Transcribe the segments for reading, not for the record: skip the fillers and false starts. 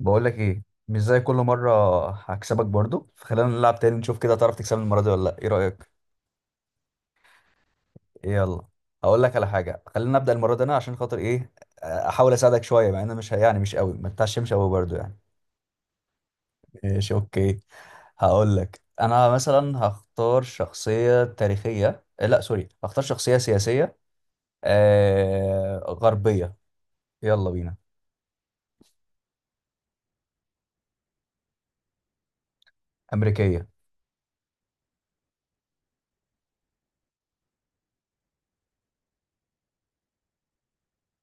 بقول لك ايه، مش زي كل مره هكسبك برضو، فخلينا نلعب تاني نشوف كده، تعرف تكسبني المره دي ولا لا، ايه رايك؟ يلا، هقول لك على حاجه، خلينا نبدا المره دي انا عشان خاطر ايه، احاول اساعدك شويه، مع ان أنا مش مش قوي، ما تتعشمش قوي برضو يعني. ماشي، اوكي. هقول لك انا مثلا هختار شخصيه تاريخيه، لا سوري، هختار شخصيه سياسيه. غربيه. يلا بينا. امريكيه.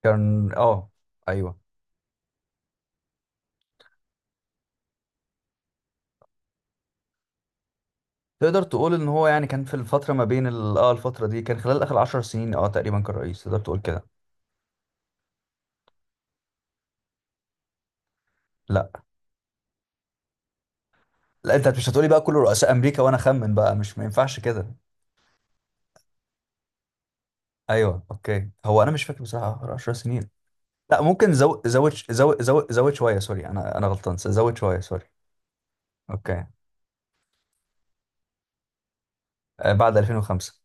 كان ايوه. تقدر تقول ان هو يعني كان في الفتره ما بين الفتره دي، كان خلال اخر 10 سنين تقريبا، كان رئيس، تقدر تقول كده. لا. لا، انت مش هتقولي بقى كل رؤساء امريكا وانا اخمن بقى، مش، ما ينفعش كده. ايوه، اوكي. هو انا مش فاكر بصراحه اخر 10 سنين. لا ممكن زود زود، زود شويه، سوري. انا غلطان، زود شويه، سوري. اوكي. بعد 2005.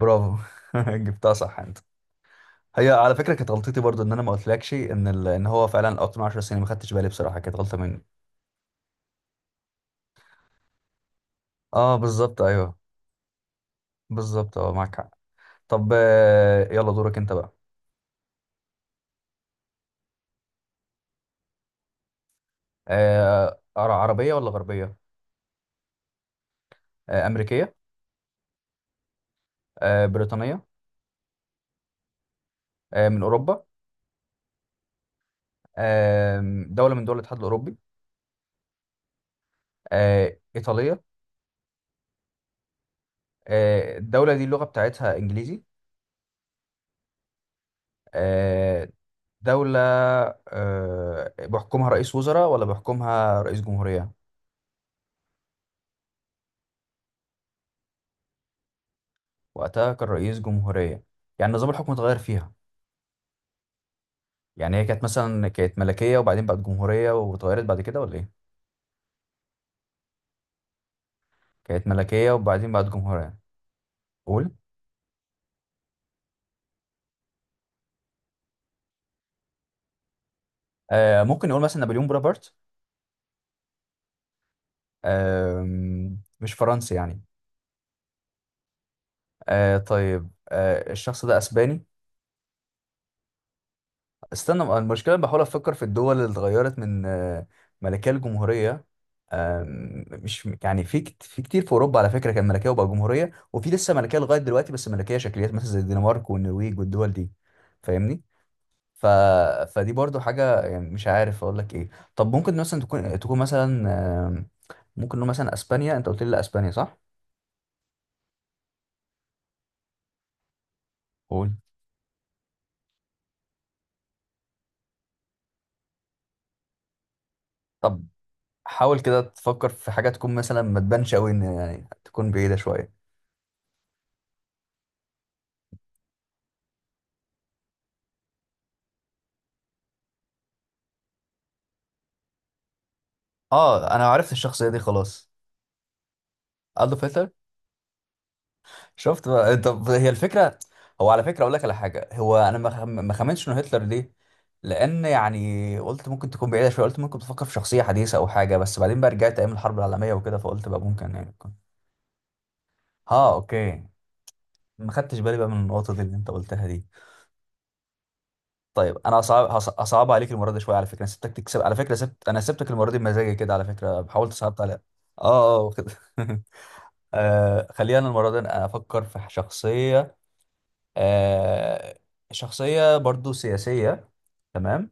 برافو. جبتها صح انت. هي على فكره كانت غلطتي برضو، ان انا ما قلتلكش ان ان هو فعلا اكتر من 10 سنين، ما خدتش بالي بصراحه، كانت غلطه مني. اه بالظبط ايوه. بالظبط، اه معاك حق. طب، يلا دورك انت بقى. عربية ولا غربية؟ أمريكية؟ بريطانية؟ من أوروبا؟ آه، دولة من دول الاتحاد الأوروبي؟ إيطالية؟ الدولة دي اللغة بتاعتها إنجليزي؟ آه، دولة. بيحكمها رئيس وزراء ولا بيحكمها رئيس جمهورية؟ وقتها كان رئيس جمهورية. يعني نظام الحكم اتغير فيها. يعني هي كانت مثلا، كانت ملكية وبعدين بقت جمهورية واتغيرت بعد كده ولا إيه؟ كانت ملكية وبعدين بقت جمهورية. قول. ممكن نقول مثلا نابليون بونابرت. آه مش فرنسي يعني؟ طيب، الشخص ده اسباني؟ استنى، المشكله بحاول افكر في الدول اللي اتغيرت من، ملكيه لجمهوريه. آه مش يعني، في كتير في اوروبا على فكره كان ملكيه وبقى جمهوريه، وفي لسه ملكيه لغايه دلوقتي بس ملكيه شكليات، مثلا زي الدنمارك والنرويج والدول دي. فاهمني؟ ف... فدي برضو حاجه، يعني مش عارف اقول لك ايه. طب ممكن مثلا تكون مثلا، آم، ممكن نقول مثلا اسبانيا، انت قلت لي لا اسبانيا صح؟ قول. طب حاول كده تفكر في حاجة تكون مثلا ما تبانش قوي، ان يعني تكون بعيدة شوية. اه، انا عرفت الشخصية دي خلاص. ألدو هتلر. شفت بقى إيه، طب هي الفكرة. هو على فكرة اقول لك على حاجة، هو انا ما خمنتش انه هتلر ليه. لان يعني قلت ممكن تكون بعيدة شوية، قلت ممكن تفكر في شخصية حديثة او حاجة، بس بعدين بقى رجعت ايام الحرب العالمية وكده، فقلت بقى ممكن يعني يكون. اه، اوكي. ما خدتش بالي بقى من النقطة دي اللي انت قلتها دي. طيب انا اصعب اصعب عليك المره دي شويه، على فكره انا سبتك تكسب على فكره، انا سبتك المره دي بمزاجي كده، على فكره حاولت صعبت عليها. اه اه كده خلينا المره دي أنا افكر في شخصيه، آه شخصيه برضو سياسيه. تمام.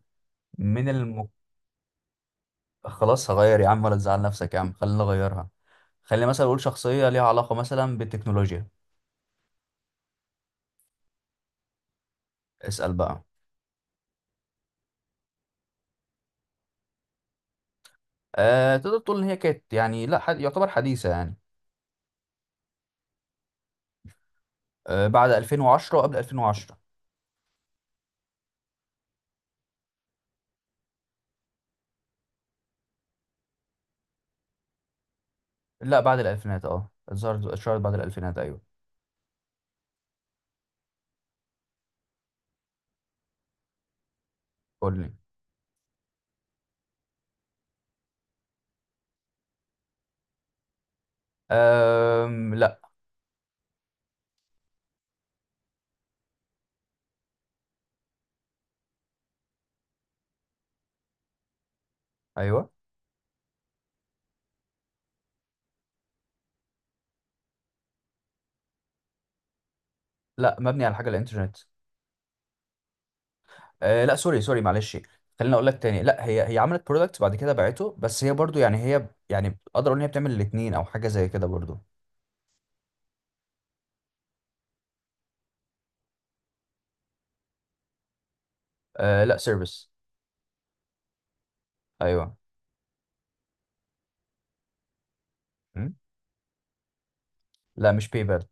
من الم... خلاص هغير يا عم، ولا تزعل نفسك يا عم، خلينا نغيرها. خلينا مثلا اقول شخصيه ليها علاقه مثلا بالتكنولوجيا. اسال بقى. تقدر تقول ان هي كانت يعني لا حد... يعتبر حديثه يعني. بعد 2010 وقبل 2010. لا، بعد الألفينات، اه اتظهرت اتشهرت بعد الألفينات أيوه. قول لي. لا. أيوه. لا، مبني على حاجة الإنترنت. أه لا، سوري سوري معلش. خليني أقول لك تاني، لا هي عملت برودكت بعد كده باعته، بس هي برضو يعني هي يعني، أقدر أقول إن هي بتعمل الاتنين أو حاجة زي كده برضو. أه لا، سيرفيس. أيوه. م؟ لا مش بيبال.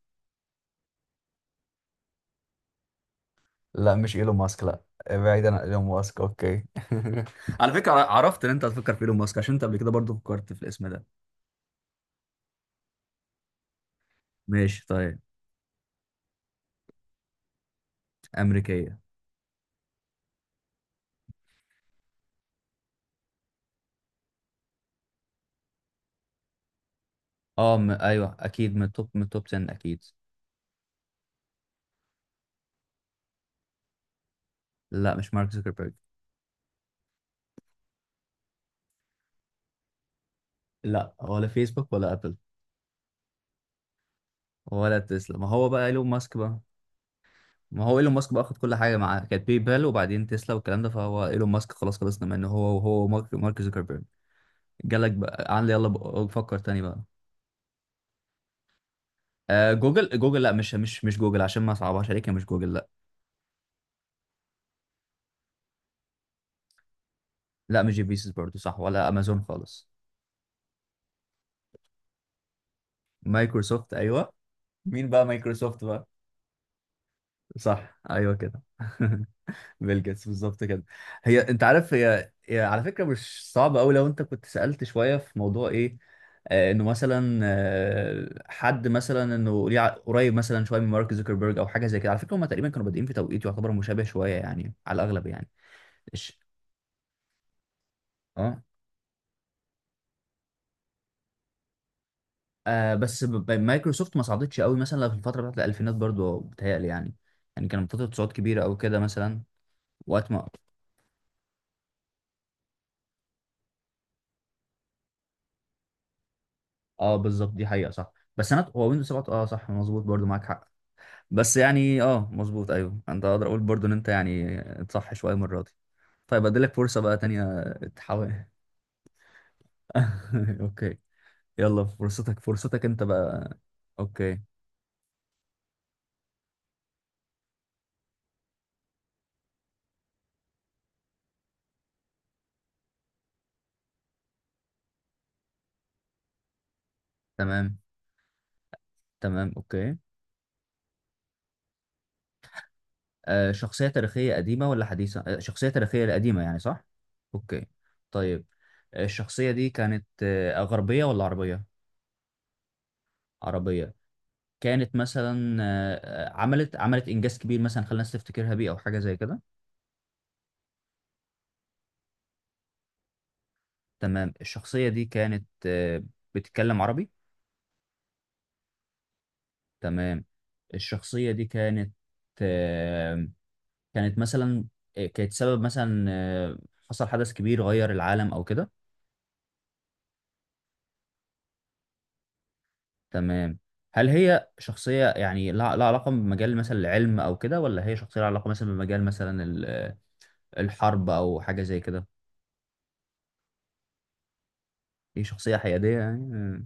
لا مش إيلون ماسك لا. بعيدا عن إيلون ماسك، أوكي. على فكرة عرفت إن أنت هتفكر في إيلون ماسك عشان أنت قبل كده برضو فكرت في الاسم ده. ماشي طيب. أمريكية. اه ايوه، اكيد من التوب، 10 اكيد. لا مش مارك زوكربيرج. لا، ولا فيسبوك ولا ابل. ولا تسلا. ما هو بقى ايلون ماسك بقى، ما هو ايلون ماسك بقى اخد كل حاجه معاه، كانت باي بال وبعدين تسلا والكلام ده، فهو ايلون ماسك خلاص خلصنا منه، هو وهو مارك زوكربيرج. جالك بقى، عن يلا بقى فكر تاني بقى. جوجل؟ جوجل لا، مش جوجل، عشان ما صعبهاش عليك، هي مش جوجل لا. لا مش جي بيسز برضه صح، ولا امازون خالص. مايكروسوفت ايوه. مين بقى مايكروسوفت بقى؟ صح ايوه كده. بيل جيتس بالظبط كده. هي انت عارف هي, على فكره مش صعبه قوي لو انت كنت سالت شويه في موضوع ايه. انه مثلا حد مثلا، انه ليه قريب مثلا شويه من مارك زوكربيرج او حاجه زي كده، على فكره هم تقريبا كانوا بادئين في توقيت يعتبر مشابه شويه يعني، على الاغلب يعني. إيش. اه، بس مايكروسوفت ما صعدتش قوي مثلا في الفتره بتاعت الالفينات برضو بتهيألي يعني، يعني كانت بتطلع صعود كبيره او كده مثلا. وقت ما، اه بالظبط دي حقيقه صح. بس انا، هو ويندوز 7 اه صح مظبوط برضو معاك حق. بس يعني اه مظبوط ايوه، انت اقدر اقول برضو ان انت يعني صح شويه المره دي. طيب اديلك فرصه بقى تانية. تحاول. اوكي. يلا، فرصتك انت بقى. اوكي. تمام. تمام اوكي. شخصيه تاريخيه، قديمه ولا حديثه؟ شخصيه تاريخيه قديمه يعني صح؟ اوكي. طيب. الشخصيه دي كانت غربيه ولا عربيه؟ عربيه. كانت مثلا عملت انجاز كبير مثلا خلى الناس تفتكرها بيه او حاجه زي كده. تمام الشخصية دي كانت بتتكلم عربي. تمام الشخصية دي كانت آه، كانت مثلا كانت سبب مثلا حصل حدث كبير غير العالم أو كده. تمام. هل هي شخصية يعني لها علاقة بمجال مثلا العلم أو كده، ولا هي شخصية لها علاقة مثلا بمجال مثلا الحرب أو حاجة زي كده؟ هي شخصية حيادية يعني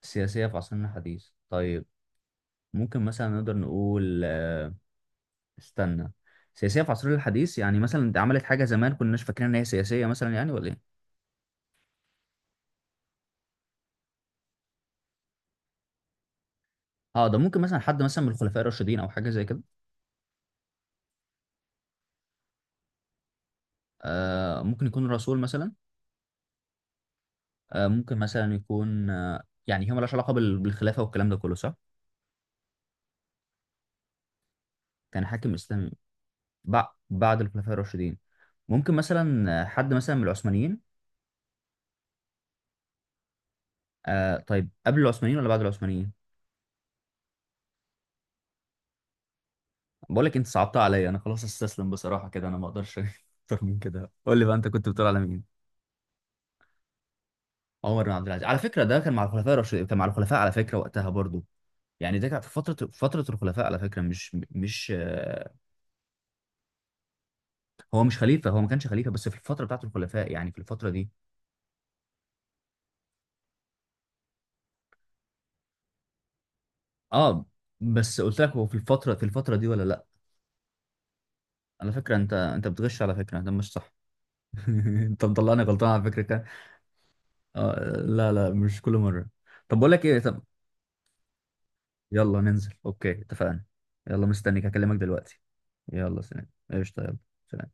سياسية في عصرنا الحديث، طيب. ممكن مثلا نقدر نقول استنى، سياسيه في عصرنا الحديث يعني، مثلا انت عملت حاجه زمان كناش فاكرين ان هي سياسيه مثلا يعني ولا ايه؟ اه، ده ممكن مثلا حد مثلا من الخلفاء الراشدين او حاجه زي كده. ممكن يكون رسول مثلا. ممكن مثلا يكون يعني هي مالهاش علاقه بالخلافه والكلام ده كله صح. كان حاكم اسلامي، بعد الخلفاء الراشدين. ممكن مثلا حد مثلا من العثمانيين؟ طيب قبل العثمانيين ولا بعد العثمانيين؟ بقول لك انت صعبتها عليا، انا خلاص استسلم بصراحه كده، انا ما اقدرش اكتر من كده، قول لي بقى انت كنت بتقول على مين. عمر بن عبد العزيز، على فكره ده كان مع الخلفاء الراشدين، كان مع الخلفاء على فكره وقتها برضو. يعني ده كانت في فتره الخلفاء على فكره، مش مش آه، هو مش خليفه، هو ما كانش خليفه، بس في الفتره بتاعت الخلفاء يعني، في الفتره دي. اه، بس قلت لك هو في الفتره دي ولا لا. على فكره انت بتغش، على فكره ده مش صح. انت مطلعني غلطان، على فكره كان. لا لا مش كل مره. طب بقول لك ايه، طب. يلا ننزل اوكي، اتفقنا. يلا مستنيك، هكلمك دلوقتي. يلا سلام، قشطه يلا. سلام.